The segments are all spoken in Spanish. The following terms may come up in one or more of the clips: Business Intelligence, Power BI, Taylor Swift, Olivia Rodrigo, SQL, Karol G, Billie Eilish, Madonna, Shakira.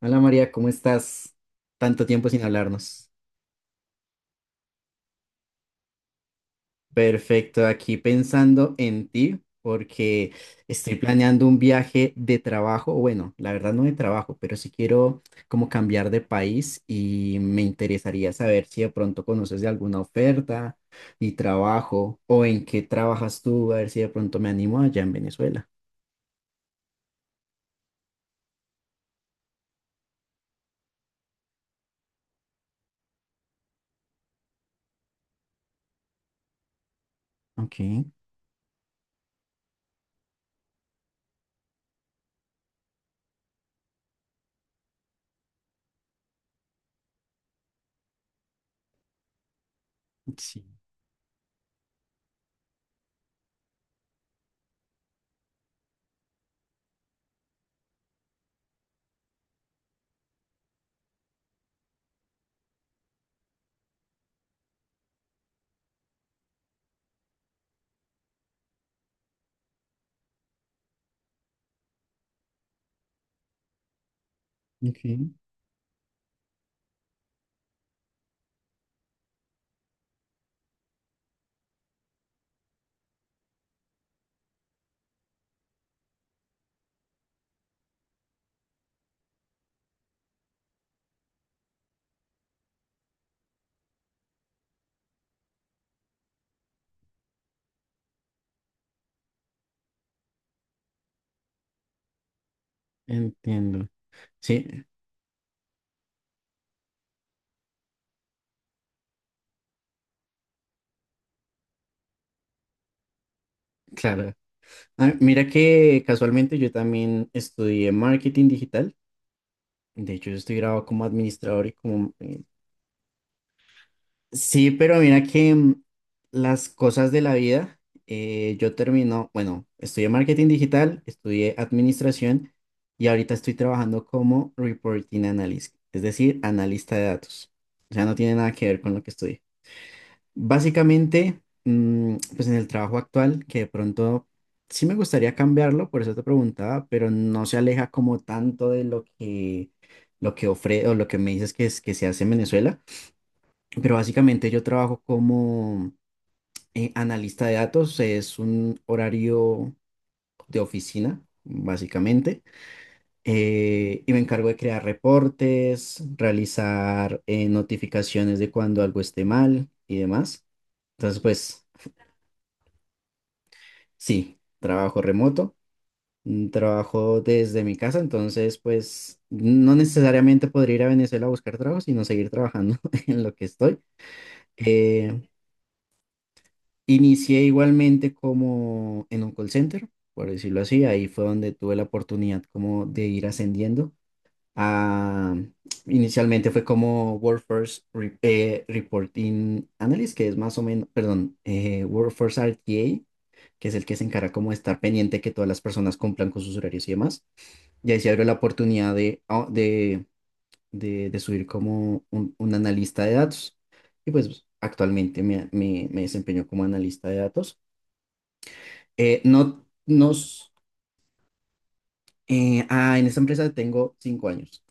Hola María, ¿cómo estás? Tanto tiempo sin hablarnos. Perfecto, aquí pensando en ti porque estoy planeando un viaje de trabajo, bueno, la verdad no de trabajo, pero sí quiero como cambiar de país y me interesaría saber si de pronto conoces de alguna oferta y trabajo o en qué trabajas tú, a ver si de pronto me animo allá en Venezuela. Ok, sí, ok, entiendo. Sí, claro. Ah, mira que casualmente yo también estudié marketing digital. De hecho, yo estoy grabado como administrador y como. Sí, pero mira que las cosas de la vida, yo termino, bueno, estudié marketing digital, estudié administración y ahorita estoy trabajando como reporting analyst, es decir, analista de datos. O sea, no tiene nada que ver con lo que estudié. Básicamente, pues en el trabajo actual, que de pronto sí me gustaría cambiarlo, por eso te preguntaba, pero no se aleja como tanto de lo que ofre o lo que me dices que se hace en Venezuela. Pero básicamente yo trabajo como analista de datos, es un horario de oficina, básicamente, y me encargo de crear reportes, realizar notificaciones de cuando algo esté mal y demás. Entonces, pues. Sí, trabajo remoto, trabajo desde mi casa, entonces pues no necesariamente podría ir a Venezuela a buscar trabajo, sino seguir trabajando en lo que estoy. Eh, Inicié igualmente como en un call center, por decirlo así, ahí fue donde tuve la oportunidad como de ir ascendiendo. a- Inicialmente fue como Workforce Reporting Analyst, que es más o menos, perdón, Workforce RTA. Que es el que se encarga como de estar pendiente que todas las personas cumplan con sus horarios y demás. Y ahí se abrió la oportunidad de, ah, de subir como un analista de datos. Y pues actualmente me desempeño como analista de datos. No nos... ah, en esta empresa tengo 5 años.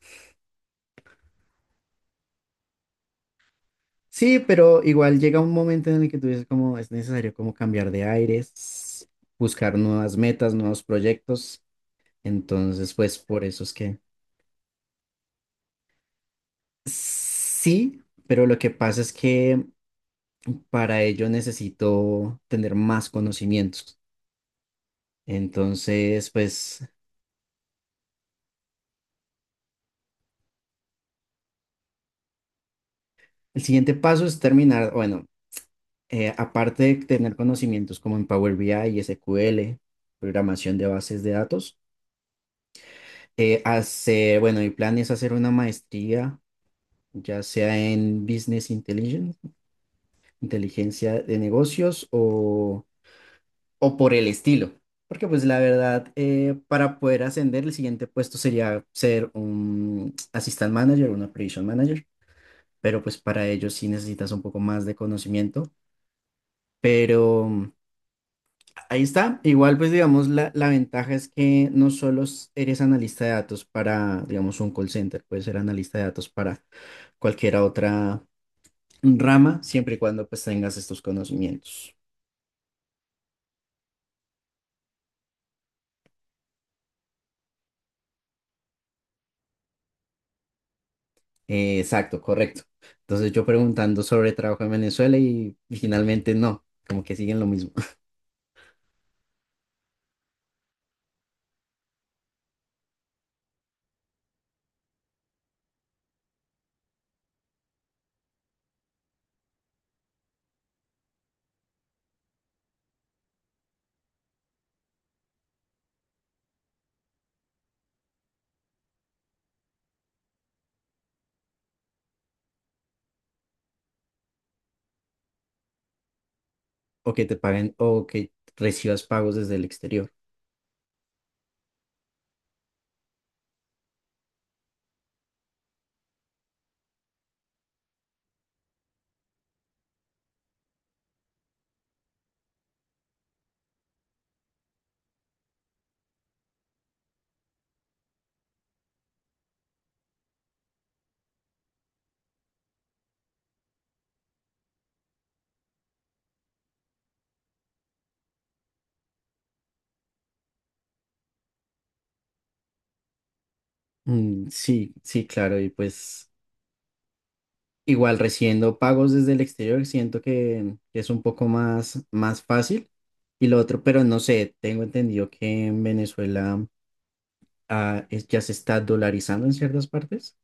Sí, pero igual llega un momento en el que tú dices como es necesario como cambiar de aires, buscar nuevas metas, nuevos proyectos. Entonces, pues. Por eso es que Sí, pero lo que pasa es que para ello necesito tener más conocimientos. Entonces, pues. El siguiente paso es terminar, bueno, aparte de tener conocimientos como en Power BI, SQL, programación de bases de datos, bueno, mi plan es hacer una maestría, ya sea en Business Intelligence, inteligencia de negocios o por el estilo. Porque pues la verdad, para poder ascender, el siguiente puesto sería ser un assistant manager, un operation manager, pero pues para ello sí necesitas un poco más de conocimiento. Pero ahí está. Igual pues digamos, la ventaja es que no solo eres analista de datos para, digamos, un call center, puedes ser analista de datos para cualquier otra rama, siempre y cuando pues tengas estos conocimientos. Exacto, correcto. Entonces yo preguntando sobre trabajo en Venezuela y, finalmente no, como que siguen lo mismo. O que te paguen o que recibas pagos desde el exterior. Mm, sí, sí, claro. Y pues igual recibiendo pagos desde el exterior siento que es un poco más fácil. Y lo otro, pero no sé, tengo entendido que en Venezuela ya se está dolarizando en ciertas partes.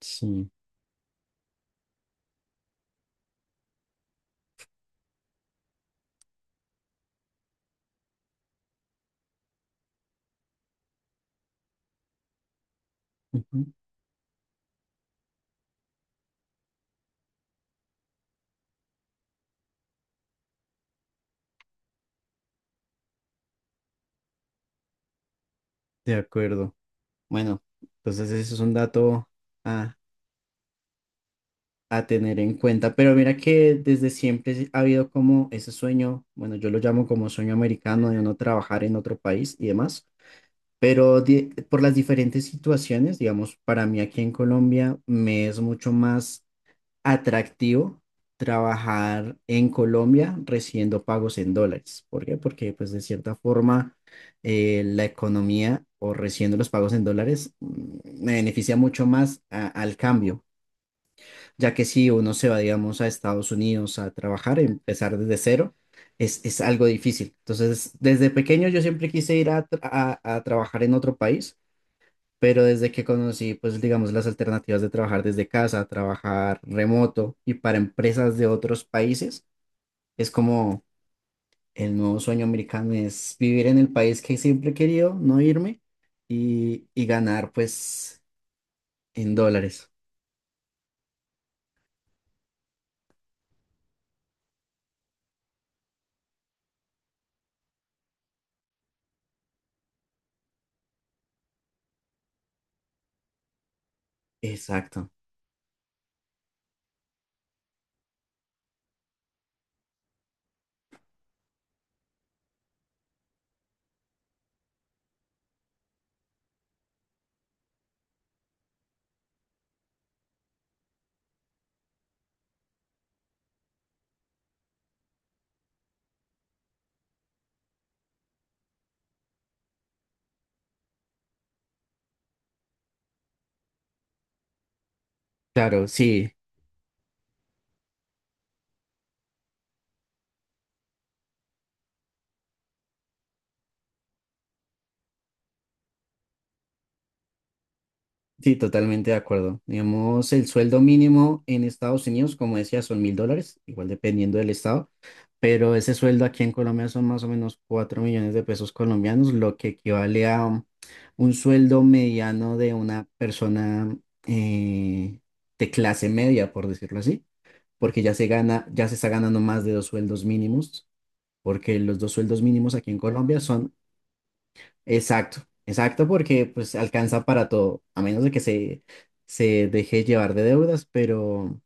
Sí, ujú, de acuerdo. Bueno, entonces ese es un dato. ah, a tener en cuenta. Pero mira que desde siempre ha habido como ese sueño, bueno, yo lo llamo como sueño americano de uno trabajar en otro país y demás, pero por las diferentes situaciones, digamos, para mí aquí en Colombia me es mucho más atractivo trabajar en Colombia recibiendo pagos en dólares. ¿Por qué? Porque pues de cierta forma la economía o recibiendo los pagos en dólares, me beneficia mucho más al cambio ya que si uno se va, digamos, a Estados Unidos a trabajar, empezar desde cero, es algo difícil. Entonces, desde pequeño yo siempre quise ir a trabajar en otro país, pero desde que conocí, pues, digamos, las alternativas de trabajar desde casa, trabajar remoto y para empresas de otros países, es como el nuevo sueño americano, es vivir en el país que siempre he querido, no irme y ganar, pues, en dólares. Exacto. Claro, sí. Sí, totalmente de acuerdo. Digamos, el sueldo mínimo en Estados Unidos, como decía, son $1.000, igual dependiendo del estado, pero ese sueldo aquí en Colombia son más o menos 4 millones de pesos colombianos, lo que equivale a un sueldo mediano de una persona eh, de clase media, por decirlo así, porque ya se gana, ya se está ganando más de dos sueldos mínimos, porque los dos sueldos mínimos aquí en Colombia son. Exacto, exacto, porque pues alcanza para todo, a menos de que se deje llevar de deudas, pero, o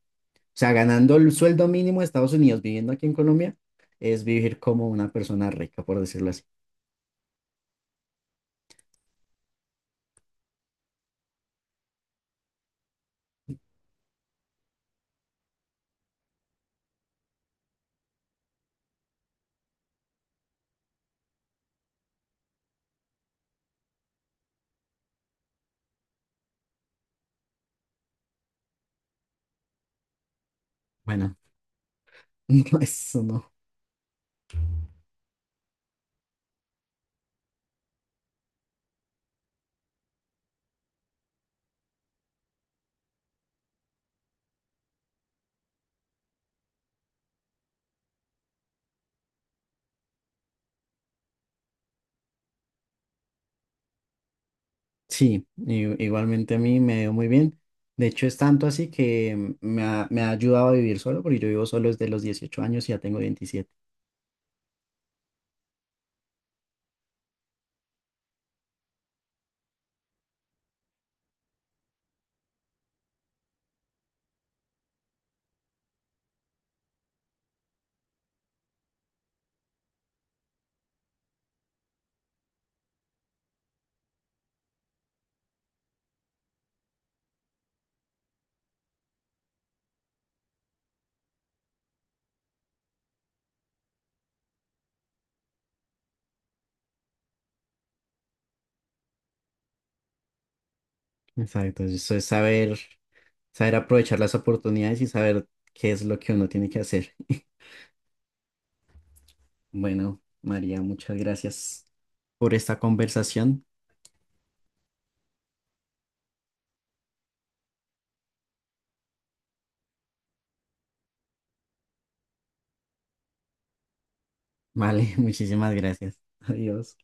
sea, ganando el sueldo mínimo de Estados Unidos, viviendo aquí en Colombia, es vivir como una persona rica, por decirlo así. Bueno, no, eso no. Sí, igualmente a mí me dio muy bien. De hecho, es tanto así que me ha ayudado a vivir solo, porque yo vivo solo desde los 18 años y ya tengo 27. Exacto, eso es saber, aprovechar las oportunidades y saber qué es lo que uno tiene que hacer. Bueno, María, muchas gracias por esta conversación. Vale, muchísimas gracias. Adiós.